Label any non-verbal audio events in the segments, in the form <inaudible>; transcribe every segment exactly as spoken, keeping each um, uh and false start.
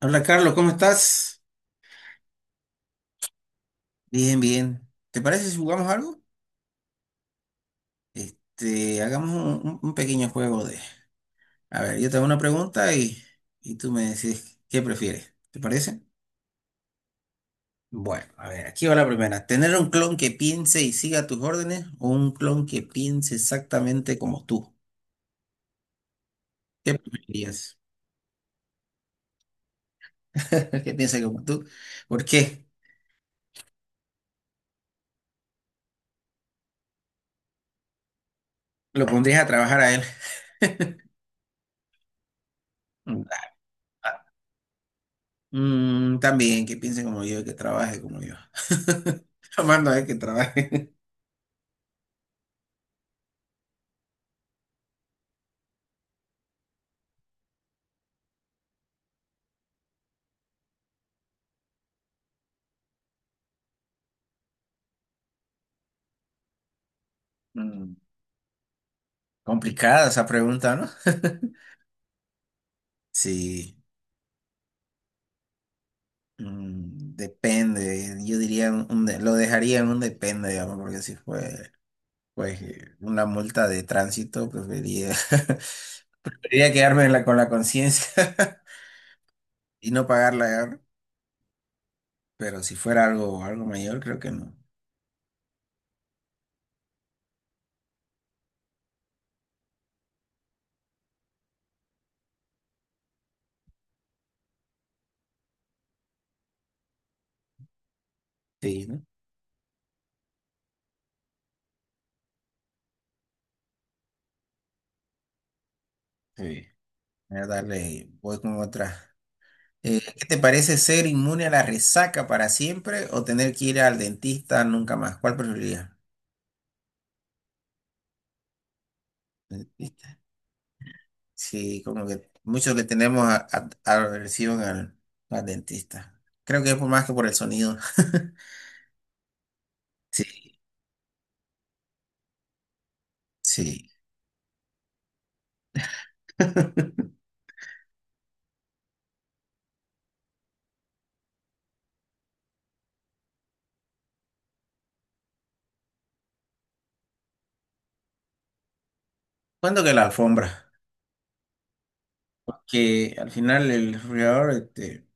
Hola Carlos, ¿cómo estás? Bien, bien. ¿Te parece si jugamos algo? Este, hagamos un, un- un pequeño juego de... A ver, yo te hago una pregunta y, y tú me decís qué prefieres. ¿Te parece? Bueno, a ver, aquí va la primera. ¿Tener un clon que piense y siga tus órdenes o un clon que piense exactamente como tú? ¿Qué preferirías? <laughs> ¿Que piense como tú? ¿Por qué? ¿Lo pondrías a trabajar a él? Mm, Mm, también, que piense como yo, que trabaje como yo. <laughs> Lo mando a él que trabaje. <laughs> Mm. Complicada esa pregunta, ¿no? <laughs> Sí, mm, depende. Yo diría, un- un de- lo dejaría en un depende, digamos, porque si fue pues, eh, una multa de tránsito, preferiría, <laughs> preferiría quedarme en la- con la conciencia <laughs> y no pagarla, digamos. Pero si fuera algo, algo mayor, creo que no. Sí, ¿no? Sí. Voy a darle, voy con otra. Eh, ¿qué te parece ser inmune a la resaca para siempre o tener que ir al dentista nunca más? ¿Cuál preferirías? Sí, como que muchos le tenemos a- a- aversión al, al dentista. Creo que es por más que por el sonido. <laughs> Sí, sí. <laughs> Cuando que la alfombra, que al final el refrigerador, este,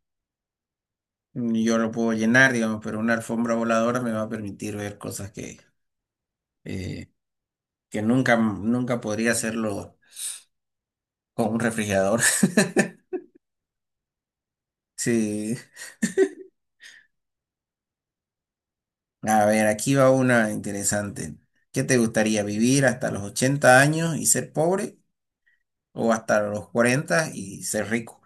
yo lo puedo llenar, digamos, pero una alfombra voladora me va a permitir ver cosas que, eh, que nunca, nunca podría hacerlo con un refrigerador. <laughs> Sí. A ver, aquí va una interesante. ¿Qué te gustaría, vivir hasta los ochenta años y ser pobre o hasta los cuarenta y ser rico?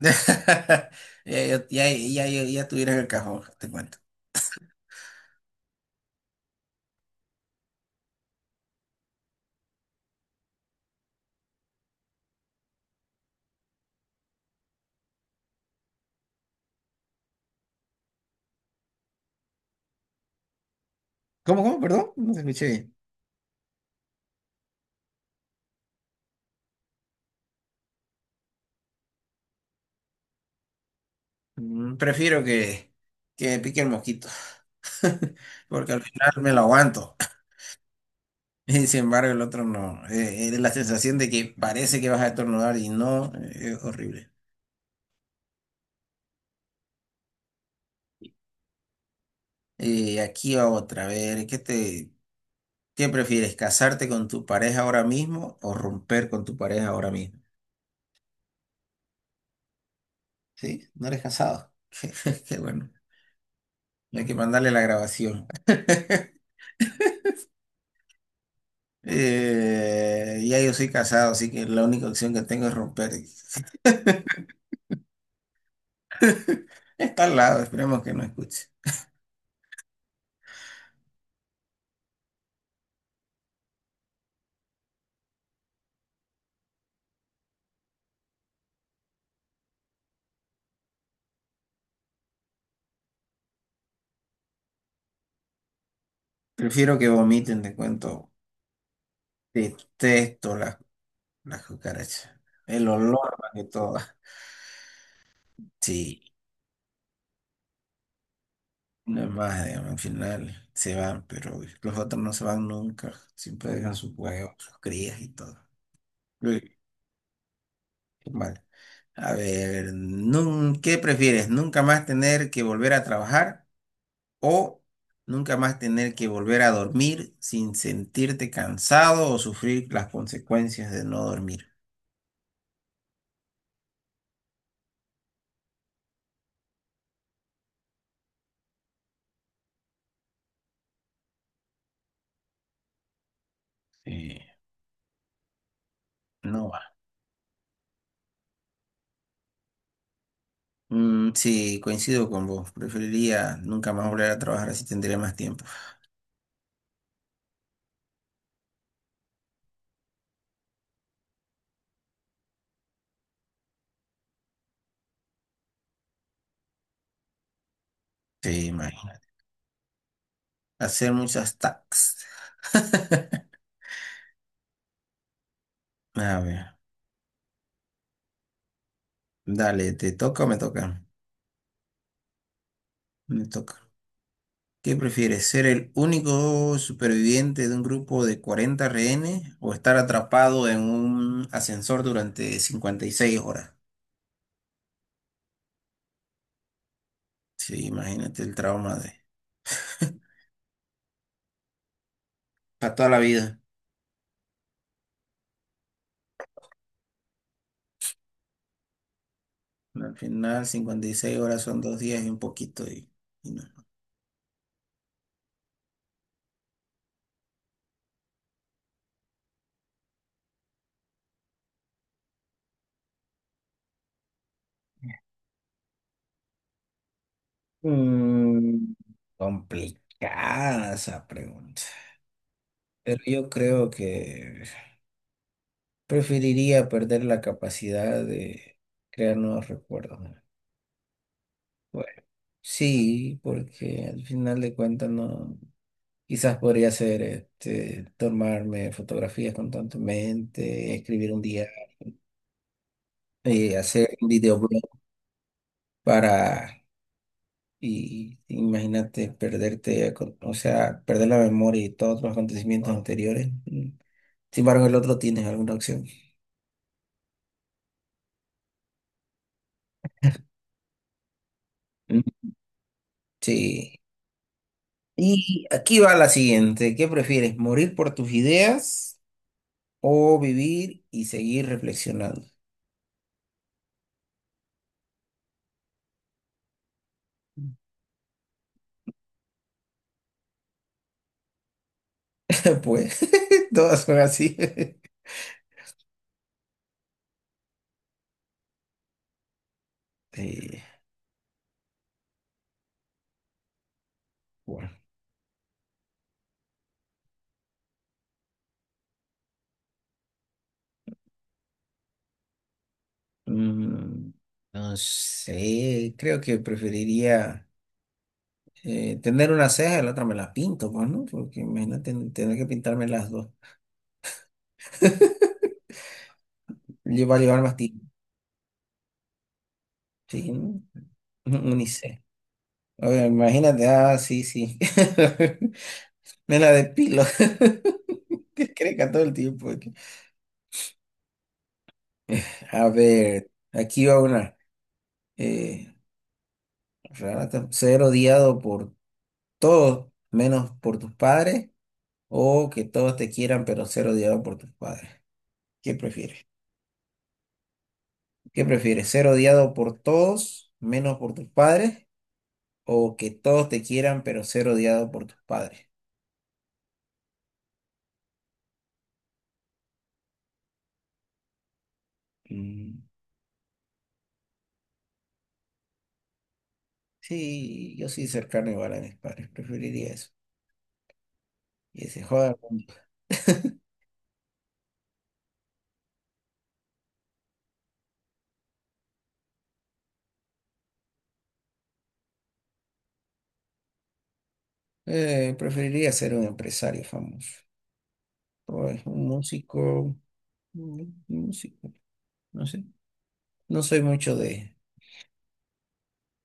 <laughs> Ya, ya, ya, ya, ya ya tuvieras el cajón, te cuento. ¿Cómo, cómo? Perdón, no te escuché bien. Mm, Prefiero que, que me pique el mosquito, <laughs> porque al final me lo aguanto. <laughs> Y sin embargo, el otro no. Eh, eh, la sensación de que parece que vas a estornudar y no, eh, es horrible. Eh, aquí va otra. A ver, ¿qué te, qué prefieres? ¿Casarte con tu pareja ahora mismo o romper con tu pareja ahora mismo? Sí, no eres casado. <laughs> Qué, bueno. Hay que mandarle la grabación. Eh, ya yo soy casado, así que la única opción que tengo es romper. <laughs> Está al lado, esperemos que no escuche. Prefiero que vomiten, te cuento. Detesto las, las cucarachas. El olor más que todo. Sí, no es más, digamos, al final se van, pero los otros no se van nunca. Siempre dejan sus huevos, sus crías y todo. Uy, qué mal. A ver, nun- ¿qué prefieres? ¿Nunca más tener que volver a trabajar, o nunca más tener que volver a dormir sin sentirte cansado o sufrir las consecuencias de no dormir? Sí. No va. Mm, sí, coincido con vos. Preferiría nunca más volver a trabajar, así tendría más tiempo. Sí, imagínate. Hacer muchas tax. <laughs> A ver, dale, ¿te toca o me toca? Me toca. ¿Qué prefieres? ¿Ser el único superviviente de un grupo de cuarenta rehenes o estar atrapado en un ascensor durante cincuenta y seis horas? Sí, imagínate el trauma de... <laughs> Para toda la vida. Al final, cincuenta y seis horas son dos días y un poquito. Y, y no. Mm, Complicada esa pregunta. Pero yo creo que preferiría perder la capacidad de crear nuevos recuerdos, ¿no? Bueno, sí, porque al final de cuentas no. Quizás podría ser este, tomarme fotografías constantemente, escribir un día, eh, hacer un videoblog para. Y imagínate perderte, con- o sea, perder la memoria y todos los acontecimientos, Wow, anteriores. Mm. Sin embargo, el otro tienes alguna opción. Mm. Sí. Y aquí va la siguiente. ¿Qué prefieres? ¿Morir por tus ideas o vivir y seguir reflexionando? <laughs> Pues <laughs> todas son así. <laughs> Sí, bueno. Mm, no sé, creo que preferiría, eh, tener una ceja y la otra me la pinto, pues, ¿no? Porque imagínate tener que pintarme las dos. <laughs> Lleva a llevar más tiempo, sí, ¿no? Un- Unisex. Oye, imagínate, ah, sí, sí. <laughs> Me la depilo. <laughs> Que creca todo el tiempo aquí. A ver, aquí va una. Eh, Renata, ser odiado por todos, menos por tus padres, o que todos te quieran, pero ser odiado por tus padres. ¿Qué prefieres? ¿Qué prefieres? ¿Ser odiado por todos, menos por tus padres? ¿O que todos te quieran, pero ser odiado por tus padres? Mm, sí, yo sí cercano igual a mis padres. Preferiría eso. Y ese joda al mundo. <laughs> Eh, preferiría ser un empresario famoso. O es un músico. Un músico. No sé. No soy mucho de,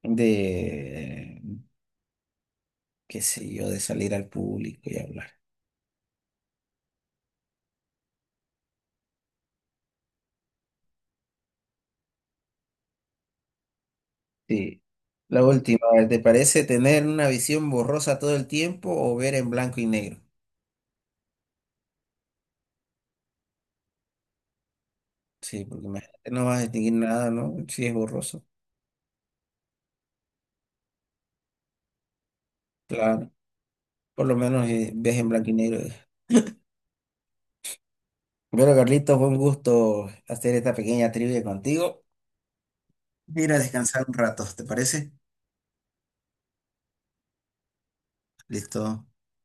de, qué sé yo, de salir al público y hablar. Sí. La última, ¿te parece tener una visión borrosa todo el tiempo o ver en blanco y negro? Sí, porque imagínate, no vas a distinguir nada, ¿no? Si es borroso. Claro. Por lo menos eh, ves en blanco y negro. eh. Bueno, Carlitos, fue un gusto hacer esta pequeña trivia contigo. Mira, a descansar un rato, ¿te parece? Listo.